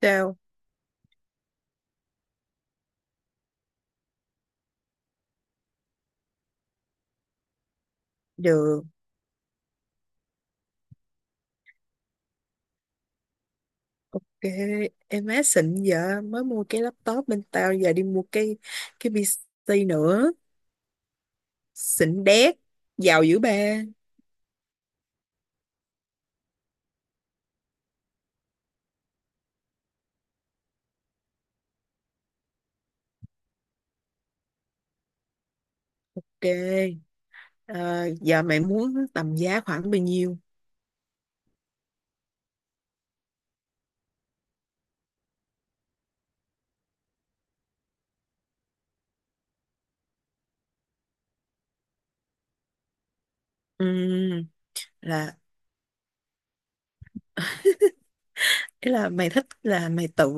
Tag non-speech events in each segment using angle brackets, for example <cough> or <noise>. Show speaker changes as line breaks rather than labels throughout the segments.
Tao được. Ok. Em má xịn, vợ mới mua cái laptop, bên tao giờ đi mua cái PC nữa. Xịn đét. Giàu dữ ba. Ok. Ờ, Giờ mày muốn tầm giá khoảng bao nhiêu? Ừm, là ý là mày thích là mày tự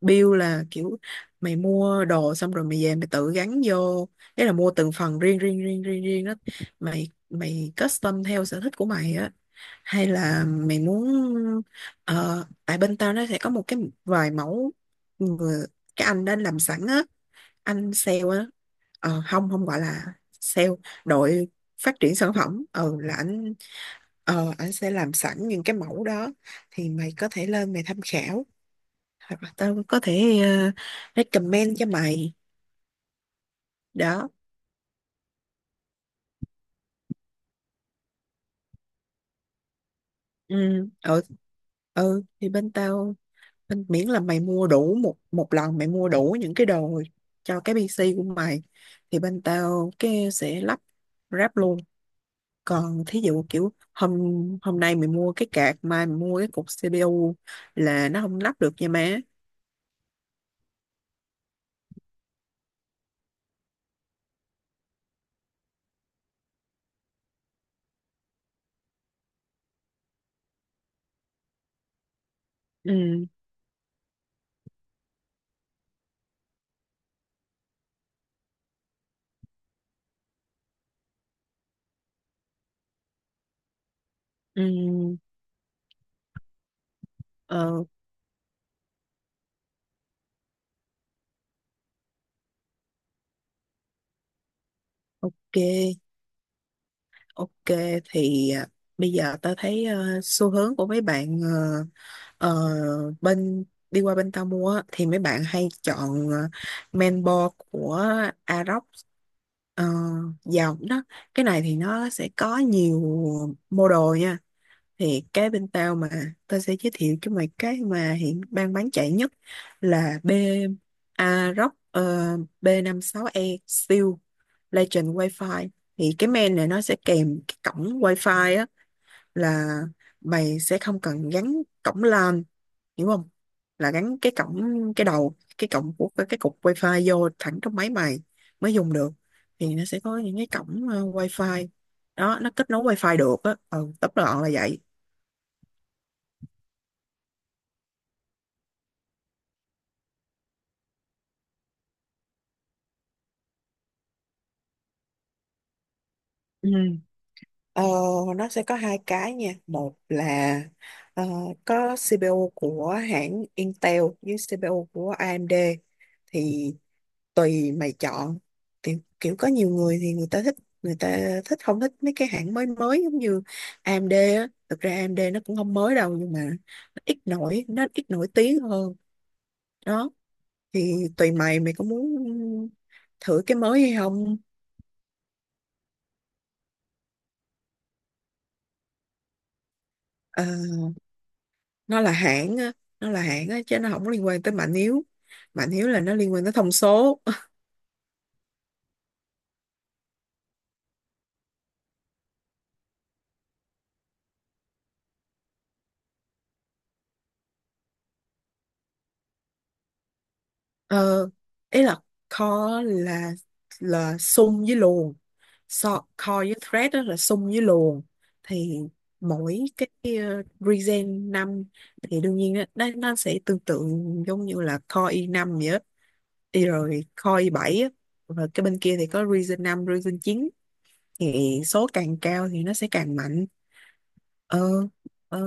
build, là kiểu mày mua đồ xong rồi mày về mày tự gắn vô, đấy là mua từng phần riêng riêng riêng riêng riêng đó, mày mày custom theo sở thích của mày á, hay là mày muốn tại bên tao nó sẽ có một cái vài mẫu người, cái anh đó làm sẵn á, anh sale á. Ờ, không không gọi là sale, đội phát triển sản phẩm là anh, anh sẽ làm sẵn những cái mẫu đó thì mày có thể lên mày tham khảo, hoặc là tao có thể recommend cho mày. Đó. Ừ. Ừ. Ừ thì bên tao, nên miễn là mày mua đủ một một lần, mày mua đủ những cái đồ cho cái PC của mày thì bên tao cái sẽ lắp ráp luôn. Còn thí dụ kiểu hôm hôm nay mày mua cái card, mai mày mua cái cục CPU là nó không lắp được nha má. Ừ. Ừ. Ờ. Ok. Ok. Thì à, bây giờ tao thấy xu hướng của mấy bạn Ờ, bên đi qua bên tao mua á, thì mấy bạn hay chọn men bo của Arox, ờ, dòng đó, cái này thì nó sẽ có nhiều model nha. Thì cái bên tao mà tao sẽ giới thiệu cho mày cái mà hiện đang bán chạy nhất là B Arox bê năm sáu e Steel Legend Wi-Fi. Thì cái men này nó sẽ kèm cái cổng Wi-Fi á, là mày sẽ không cần gắn cổng LAN, hiểu không? Là gắn cái cổng, cái đầu cái cổng của cái cục wifi vô thẳng trong máy mày mới dùng được. Thì nó sẽ có những cái cổng wifi đó, nó kết nối wifi được á. Ừ, tóm gọn là vậy. Ừ. Ờ, nó sẽ có hai cái nha, một là ờ, có CPU của hãng Intel với CPU của AMD, thì tùy mày chọn. Kiểu có nhiều người thì người ta thích, người ta thích không thích mấy cái hãng mới mới giống như AMD á. Thực ra AMD nó cũng không mới đâu nhưng mà nó ít nổi tiếng hơn. Đó thì tùy mày, mày có muốn thử cái mới hay không. Ờ, nó là hãng á, chứ nó không có liên quan tới mạnh yếu, mạnh yếu là nó liên quan tới thông số. Ờ, ý là core là sum với luồn. So, core với thread đó là sum với luồn. Thì mỗi cái regen 5 thì đương nhiên nó sẽ tương tự giống như là core i5 vậy á. Y rồi core i7 á. Rồi cái bên kia thì có regen 5, regen 9. Thì số càng cao thì nó sẽ càng mạnh. Ờ, ờ,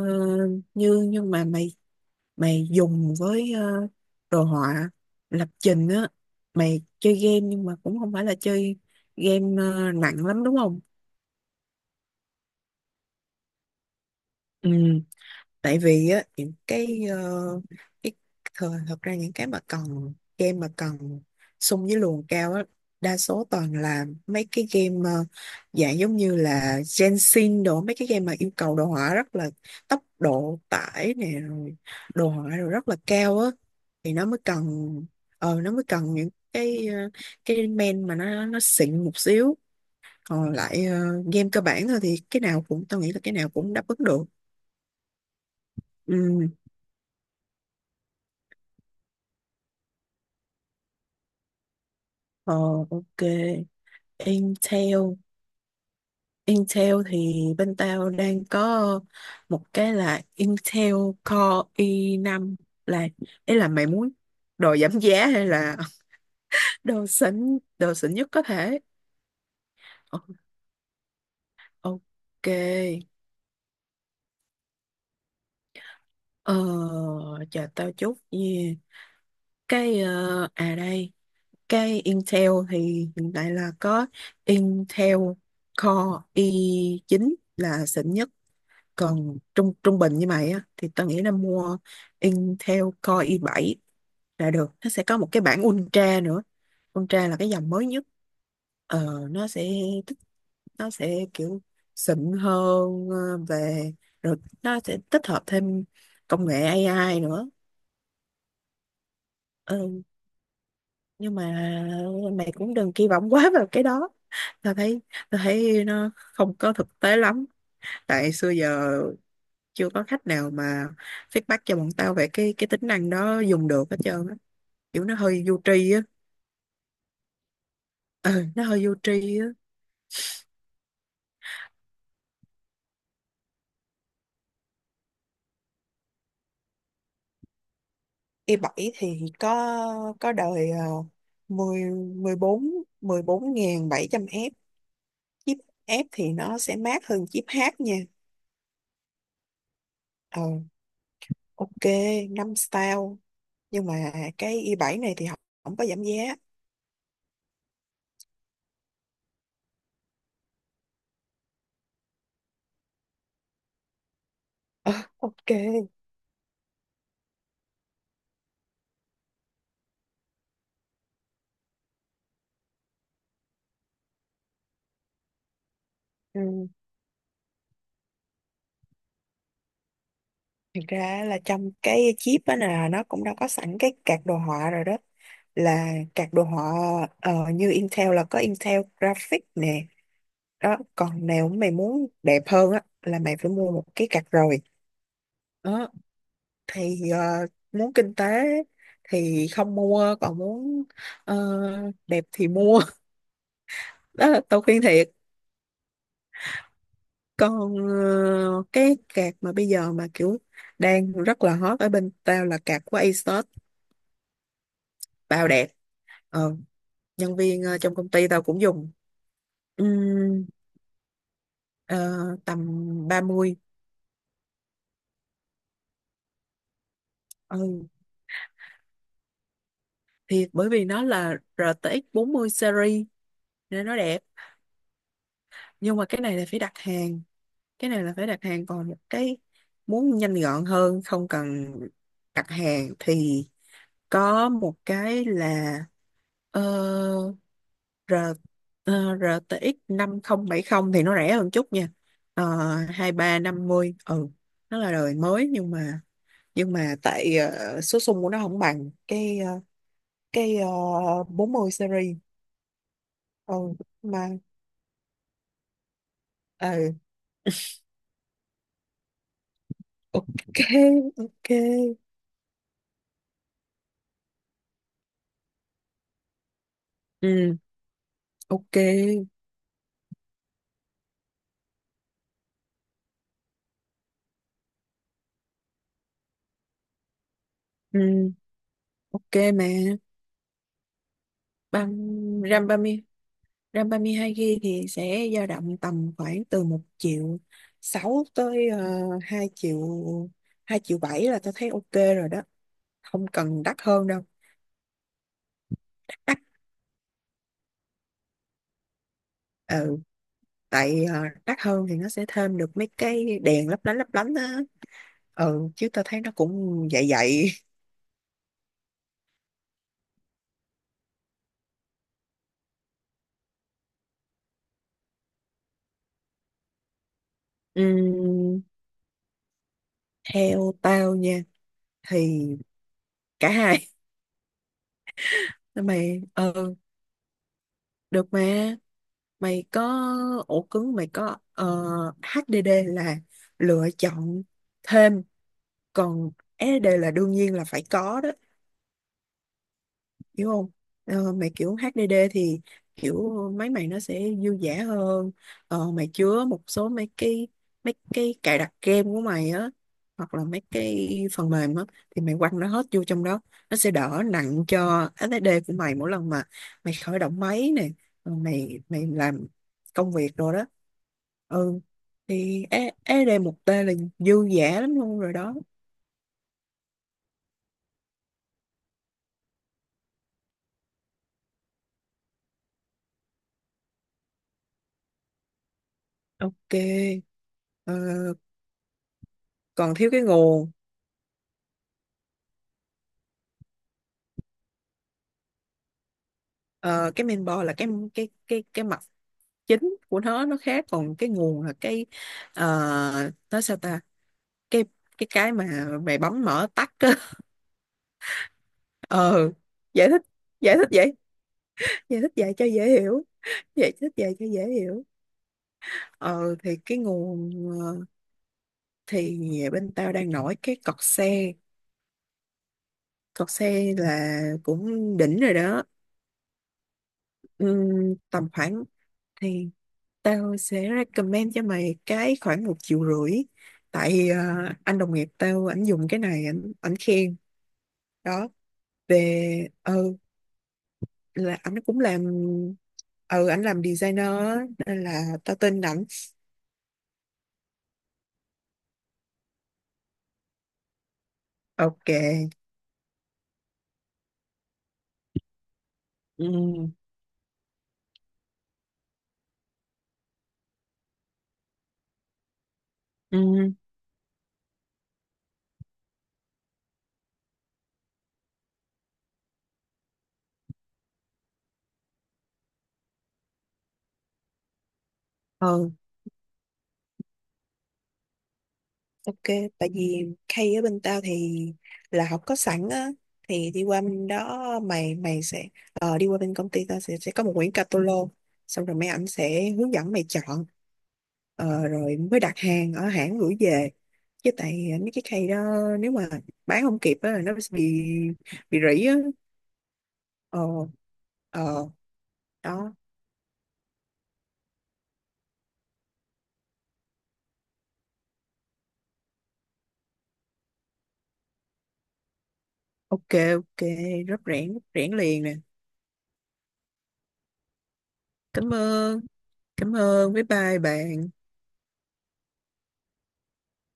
như nhưng mà mày mày dùng với đồ họa, lập trình á, mày chơi game nhưng mà cũng không phải là chơi game nặng lắm đúng không? Ừ, tại vì á những cái cái thời, thật ra những cái mà cần game mà cần xung với luồng cao á, đa số toàn là mấy cái game dạng giống như là Genshin đồ, mấy cái game mà yêu cầu đồ họa rất là, tốc độ tải nè rồi đồ họa rồi rất là cao á. Thì nó mới cần nó mới cần những cái cái main mà nó xịn một xíu. Còn lại game cơ bản thôi thì cái nào cũng, tao nghĩ là cái nào cũng đáp ứng được. Ừ. Ờ. Ok. Intel. Intel thì bên tao đang có một cái là Intel Core i năm là, ý là mày muốn đồ giảm giá hay là <laughs> đồ xịn, đồ xịn nhất có thể. Ờ, ok. ờ Chờ tao chút nha. Cái à đây, cái Intel thì hiện tại là có Intel Core i chín là xịn nhất. Còn trung trung bình như mày á thì tao nghĩ là mua Intel Core i7 là được. Nó sẽ có một cái bản Ultra nữa. Ultra là cái dòng mới nhất. Nó sẽ tích nó sẽ kiểu xịn hơn ờ, về rồi nó sẽ tích hợp thêm công nghệ AI nữa. Ừ, nhưng mà mày cũng đừng kỳ vọng quá vào cái đó. tao thấy Tao thấy nó không có thực tế lắm. Tại xưa giờ chưa có khách nào mà feedback cho bọn tao về cái tính năng đó dùng được hết trơn á. Kiểu nó hơi vô tri á. Ừ, nó hơi vô tri á. i7 thì có đời uh, 10, 14, 14.700 F chip. F thì nó sẽ mát hơn chip H nha. Ờ. Ok. Năm style. Nhưng mà cái i bảy này thì không, không có giảm giá. Ờ. Ok. Ừ. Thực ra là trong cái chip á là nó cũng đâu có sẵn cái card đồ họa rồi đó, là các đồ họa như Intel là có Intel Graphic nè. Đó, còn nếu mày muốn đẹp hơn á là mày phải mua một cái card rồi. Đó thì muốn kinh tế thì không mua, còn muốn ờ, đẹp thì mua <laughs> đó là tao khuyên thiệt. Còn cái card mà bây giờ mà kiểu đang rất là hot ở bên tao là card của ASOS, bao đẹp. Ờ, nhân viên trong công ty tao cũng dùng. Ừm, ờ, Tầm 30. Ừ. Thiệt, bởi vì nó là RTX 40 series nên nó đẹp. Nhưng mà cái này là phải đặt hàng. Còn một cái muốn nhanh gọn hơn không cần đặt hàng thì có một cái là ờ, R, RTX 5070 thì nó rẻ hơn chút nha. 2350. Ừ, nó là đời mới nhưng mà, tại số sung của nó không bằng cái cái 40 series. Ừ mà. Ừ. Ok. Ok. Ừ. Ok. Ừ. Ok mà băng ram ba mươi, ram ba mươi hai gb thì sẽ dao động tầm khoảng từ một triệu sáu tới hai triệu, hai triệu bảy là tôi thấy ok rồi đó, không cần đắt hơn đâu. Đắt. Ừ, tại đắt hơn thì nó sẽ thêm được mấy cái đèn lấp lánh á. Ừ chứ tao thấy nó cũng vậy vậy. <laughs> Ừ, theo tao nha thì cả hai. <laughs> Mày ừ. Được mà, mày có ổ cứng, mày có HDD là lựa chọn thêm, còn SSD là đương nhiên là phải có đó, hiểu không. Ờ, mà kiểu HDD thì kiểu máy mày nó sẽ dư dả hơn. Mày chứa một số mấy cái, cài đặt game của mày á, hoặc là mấy cái phần mềm á, thì mày quăng nó hết vô trong đó, nó sẽ đỡ nặng cho SSD của mày mỗi lần mà mày khởi động máy nè, rồi mày mày làm công việc rồi đó. Ừ, thì SSD một tê là dư dả lắm luôn rồi đó. Ok. Ờ, còn thiếu cái nguồn. Ờ, cái main board là cái mặt chính của nó khác, còn cái nguồn là cái nói sao ta, cái cái mà mày bấm mở tắt á <laughs> ờ, giải thích, giải thích vậy giải thích vậy cho dễ hiểu giải thích vậy cho dễ hiểu. Ờ thì cái nguồn, ờ, thì bên tao đang nổi cái cọt xe, cọt xe là cũng đỉnh rồi đó. Tầm khoảng thì tao sẽ recommend cho mày cái khoảng một triệu rưỡi. Tại anh đồng nghiệp tao, ảnh dùng cái này, ảnh ảnh khen. Đó. Về. Ừ. Là ảnh cũng làm, ừ ảnh làm designer á, nên là tao tin ảnh. Ok. Ừ. Ừ. Ok, tại vì Kay ở bên tao thì là học có sẵn á, thì đi qua bên đó mày mày sẽ đi qua bên công ty tao sẽ, có một quyển catalog, xong rồi mấy ảnh sẽ hướng dẫn mày chọn, rồi mới đặt hàng ở hãng gửi về. Chứ tại mấy cái Kay đó nếu mà bán không kịp á là nó sẽ bị rỉ á. Ờ. Ờ. Đó. Ok. Ok. Rất rẽn, rất rẽn liền nè. Cảm ơn. Cảm ơn, bye bye bạn.